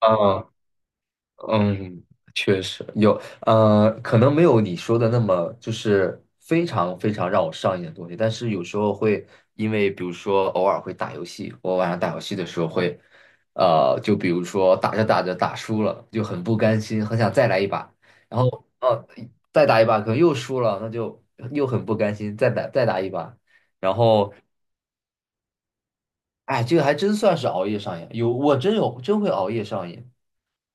嗯嗯，确实有，可能没有你说的那么就是非常非常让我上瘾的东西，但是有时候会因为，比如说偶尔会打游戏，我晚上打游戏的时候会，就比如说打着打着打输了，就很不甘心，很想再来一把，然后再打一把可能又输了，那就又很不甘心，再打一把，然后哎，这个还真算是熬夜上瘾，我真会熬夜上瘾。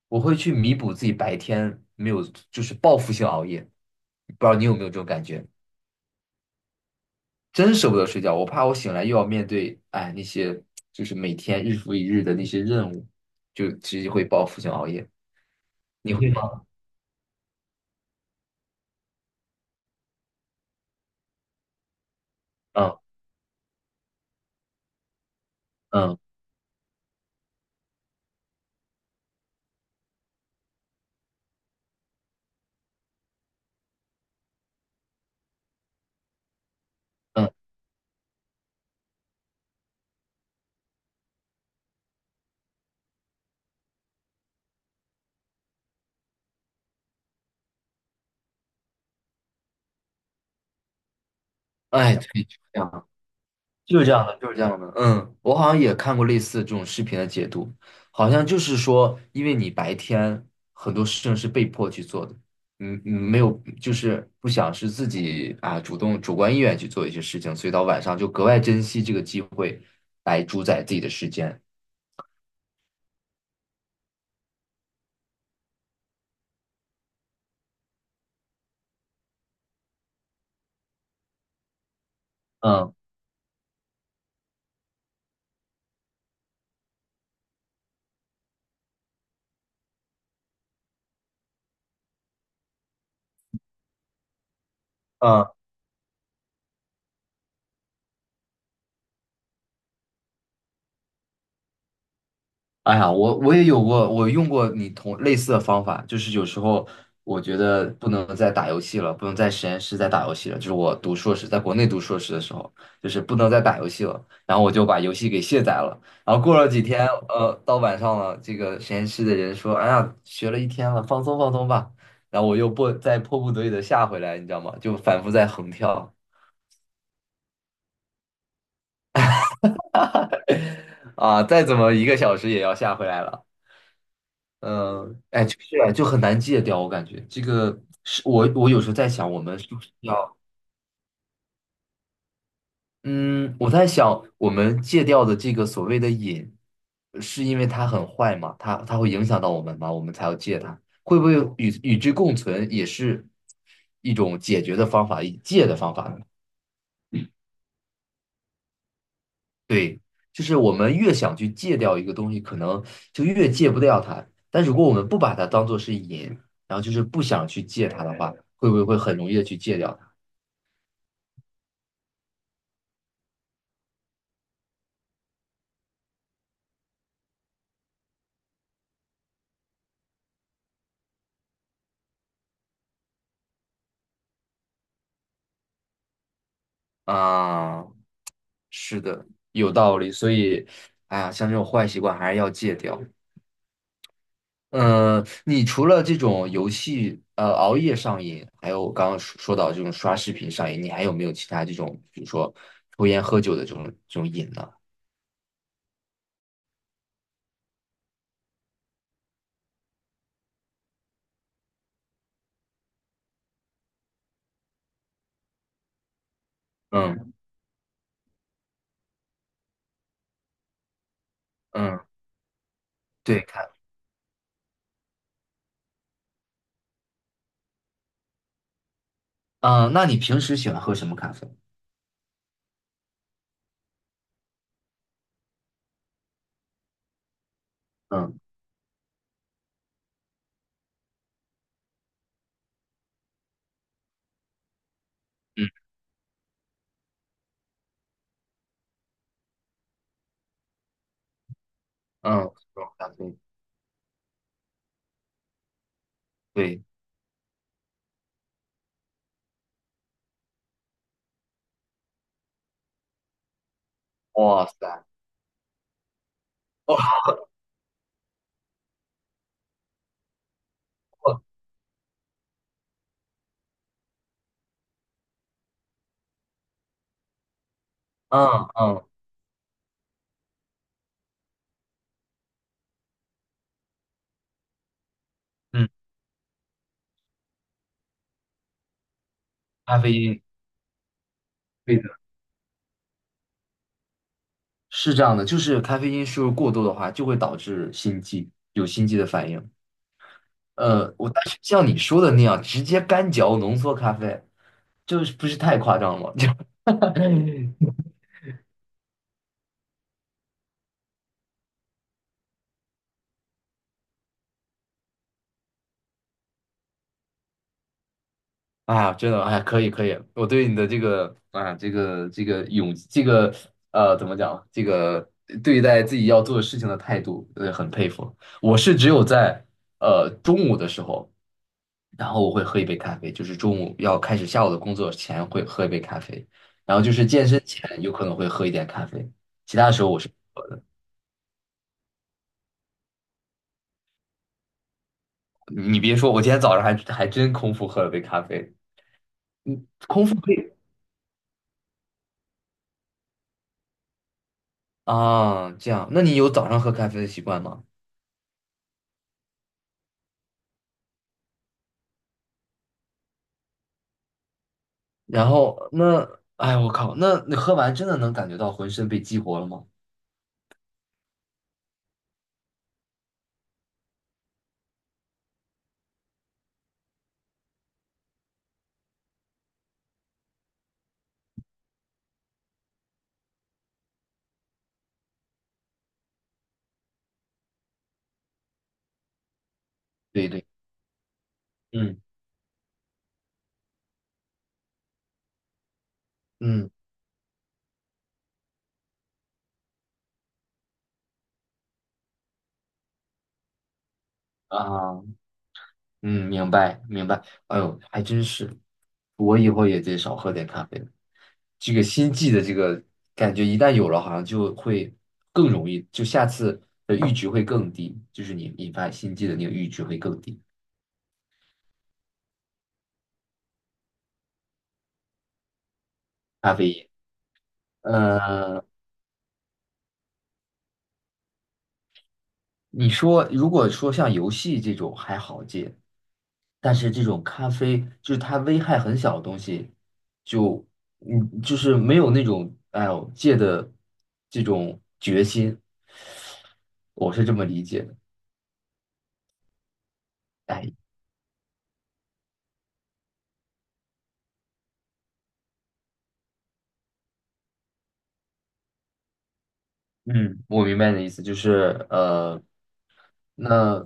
我会去弥补自己白天没有，就是报复性熬夜。不知道你有没有这种感觉？真舍不得睡觉，我怕我醒来又要面对，哎，那些就是每天日复一日的那些任务，就直接会报复性熬夜。你会吗？嗯嗯嗯，哎，对，就这样。就是这样的，就是这样的。嗯，我好像也看过类似这种视频的解读，好像就是说，因为你白天很多事情是被迫去做的，嗯嗯，没有，就是不想是自己啊主动主观意愿去做一些事情，所以到晚上就格外珍惜这个机会来主宰自己的时间。嗯嗯，哎呀，我也有过，我用过你同类似的方法，就是有时候我觉得不能再打游戏了，不能在实验室再打游戏了。就是我读硕士，在国内读硕士的时候，就是不能再打游戏了，然后我就把游戏给卸载了。然后过了几天，到晚上了，这个实验室的人说：“哎呀，学了一天了，放松放松吧。”然后我又迫不得已的下回来，你知道吗？就反复在横跳。 啊，再怎么一个小时也要下回来了。哎，就是啊就很难戒掉，我感觉这个是我有时候在想，我们是不是要，嗯，我在想，我们戒掉的这个所谓的瘾，是因为它很坏嘛，它会影响到我们嘛，我们才要戒它，会不会与之共存也是一种解决的方法，一戒的方法呢？对，就是我们越想去戒掉一个东西，可能就越戒不掉它，但如果我们不把它当做是瘾，然后就是不想去戒它的话，会不会很容易的去戒掉它？啊，是的，有道理。所以，哎呀，像这种坏习惯还是要戒掉。嗯，你除了这种游戏，熬夜上瘾，还有我刚刚说到这种刷视频上瘾，你还有没有其他这种，比如说抽烟喝酒的这种瘾呢？嗯嗯，对，看，嗯，那你平时喜欢喝什么咖啡？嗯嗯嗯，这种咖啡，对，哇塞，哦，嗯嗯嗯，咖啡因。对，是这样的，就是咖啡因摄入过多的话，就会导致心悸，有心悸的反应。但是像你说的那样，直接干嚼浓缩咖啡，就是不是太夸张了吗？就啊，真的，哎，可以可以，我对你的这个啊，这个勇，这个怎么讲，这个对待自己要做的事情的态度，很佩服。我是只有在中午的时候，然后我会喝一杯咖啡，就是中午要开始下午的工作前会喝一杯咖啡，然后就是健身前有可能会喝一点咖啡，其他的时候我是，你别说，我今天早上还真空腹喝了杯咖啡。空腹啊，这样，那你有早上喝咖啡的习惯吗？然后那，哎，我靠，那你喝完真的能感觉到浑身被激活了吗？对对，嗯嗯啊，嗯，明白明白。哎呦，还真是，我以后也得少喝点咖啡了。这个心悸的这个感觉，一旦有了，好像就会更容易，就下次的阈值会更低，就是你引发心悸的那个阈值会更低。咖啡因，呃，你说如果说像游戏这种还好戒，但是这种咖啡就是它危害很小的东西，就就是没有那种哎呦戒的这种决心，我是这么理解的。哎，嗯，我明白你的意思，就是呃，那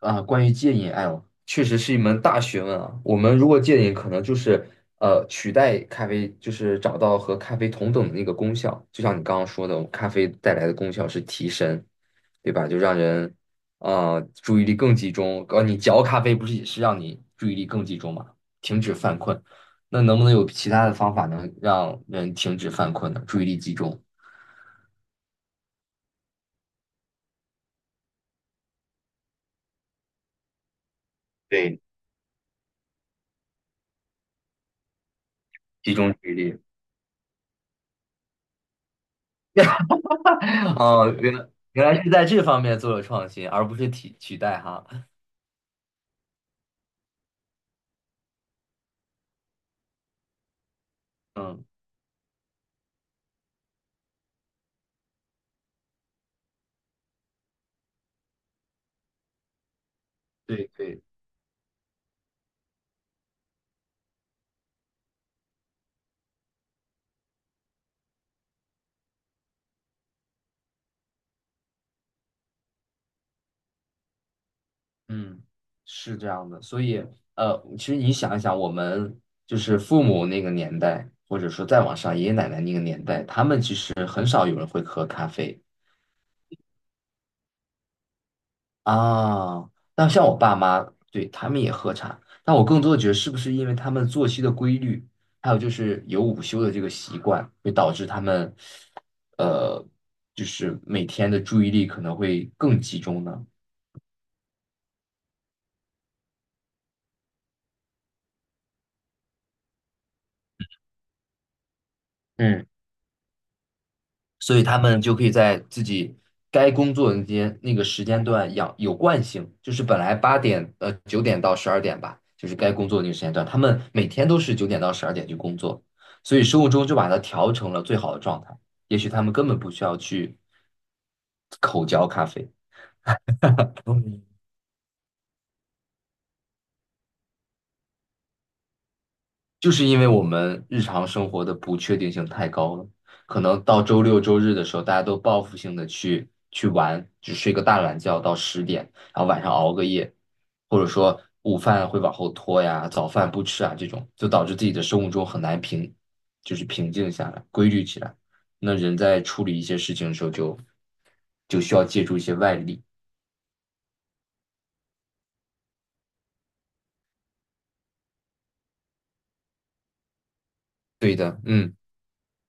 啊、关于戒瘾爱哦确实是一门大学问啊。我们如果戒瘾，可能就是取代咖啡，就是找到和咖啡同等的那个功效。就像你刚刚说的，咖啡带来的功效是提神，对吧？就让人啊、注意力更集中。你嚼咖啡不是也是让你注意力更集中嘛，停止犯困。那能不能有其他的方法能让人停止犯困呢？注意力集中。对，集中注意力。哦，原来是在这方面做了创新，而不是取代哈。嗯，对对，嗯，是这样的。所以其实你想一想，我们就是父母那个年代，或者说再往上爷爷奶奶那个年代，他们其实很少有人会喝咖啡。啊，那像我爸妈，对，他们也喝茶，但我更多的觉得是不是因为他们作息的规律，还有就是有午休的这个习惯，会导致他们，呃，就是每天的注意力可能会更集中呢？嗯。所以他们就可以在自己该工作的那个时间段养有惯性，就是本来8点九点到十二点吧，就是该工作的那个时间段，他们每天都是九点到十二点去工作，所以生物钟就把它调成了最好的状态。也许他们根本不需要去口嚼咖啡。嗯就是因为我们日常生活的不确定性太高了，可能到周六周日的时候，大家都报复性的去玩，只睡个大懒觉到10点，然后晚上熬个夜，或者说午饭会往后拖呀，早饭不吃啊，这种就导致自己的生物钟很难平，就是平静下来，规律起来。那人在处理一些事情的时候就需要借助一些外力。对的，嗯。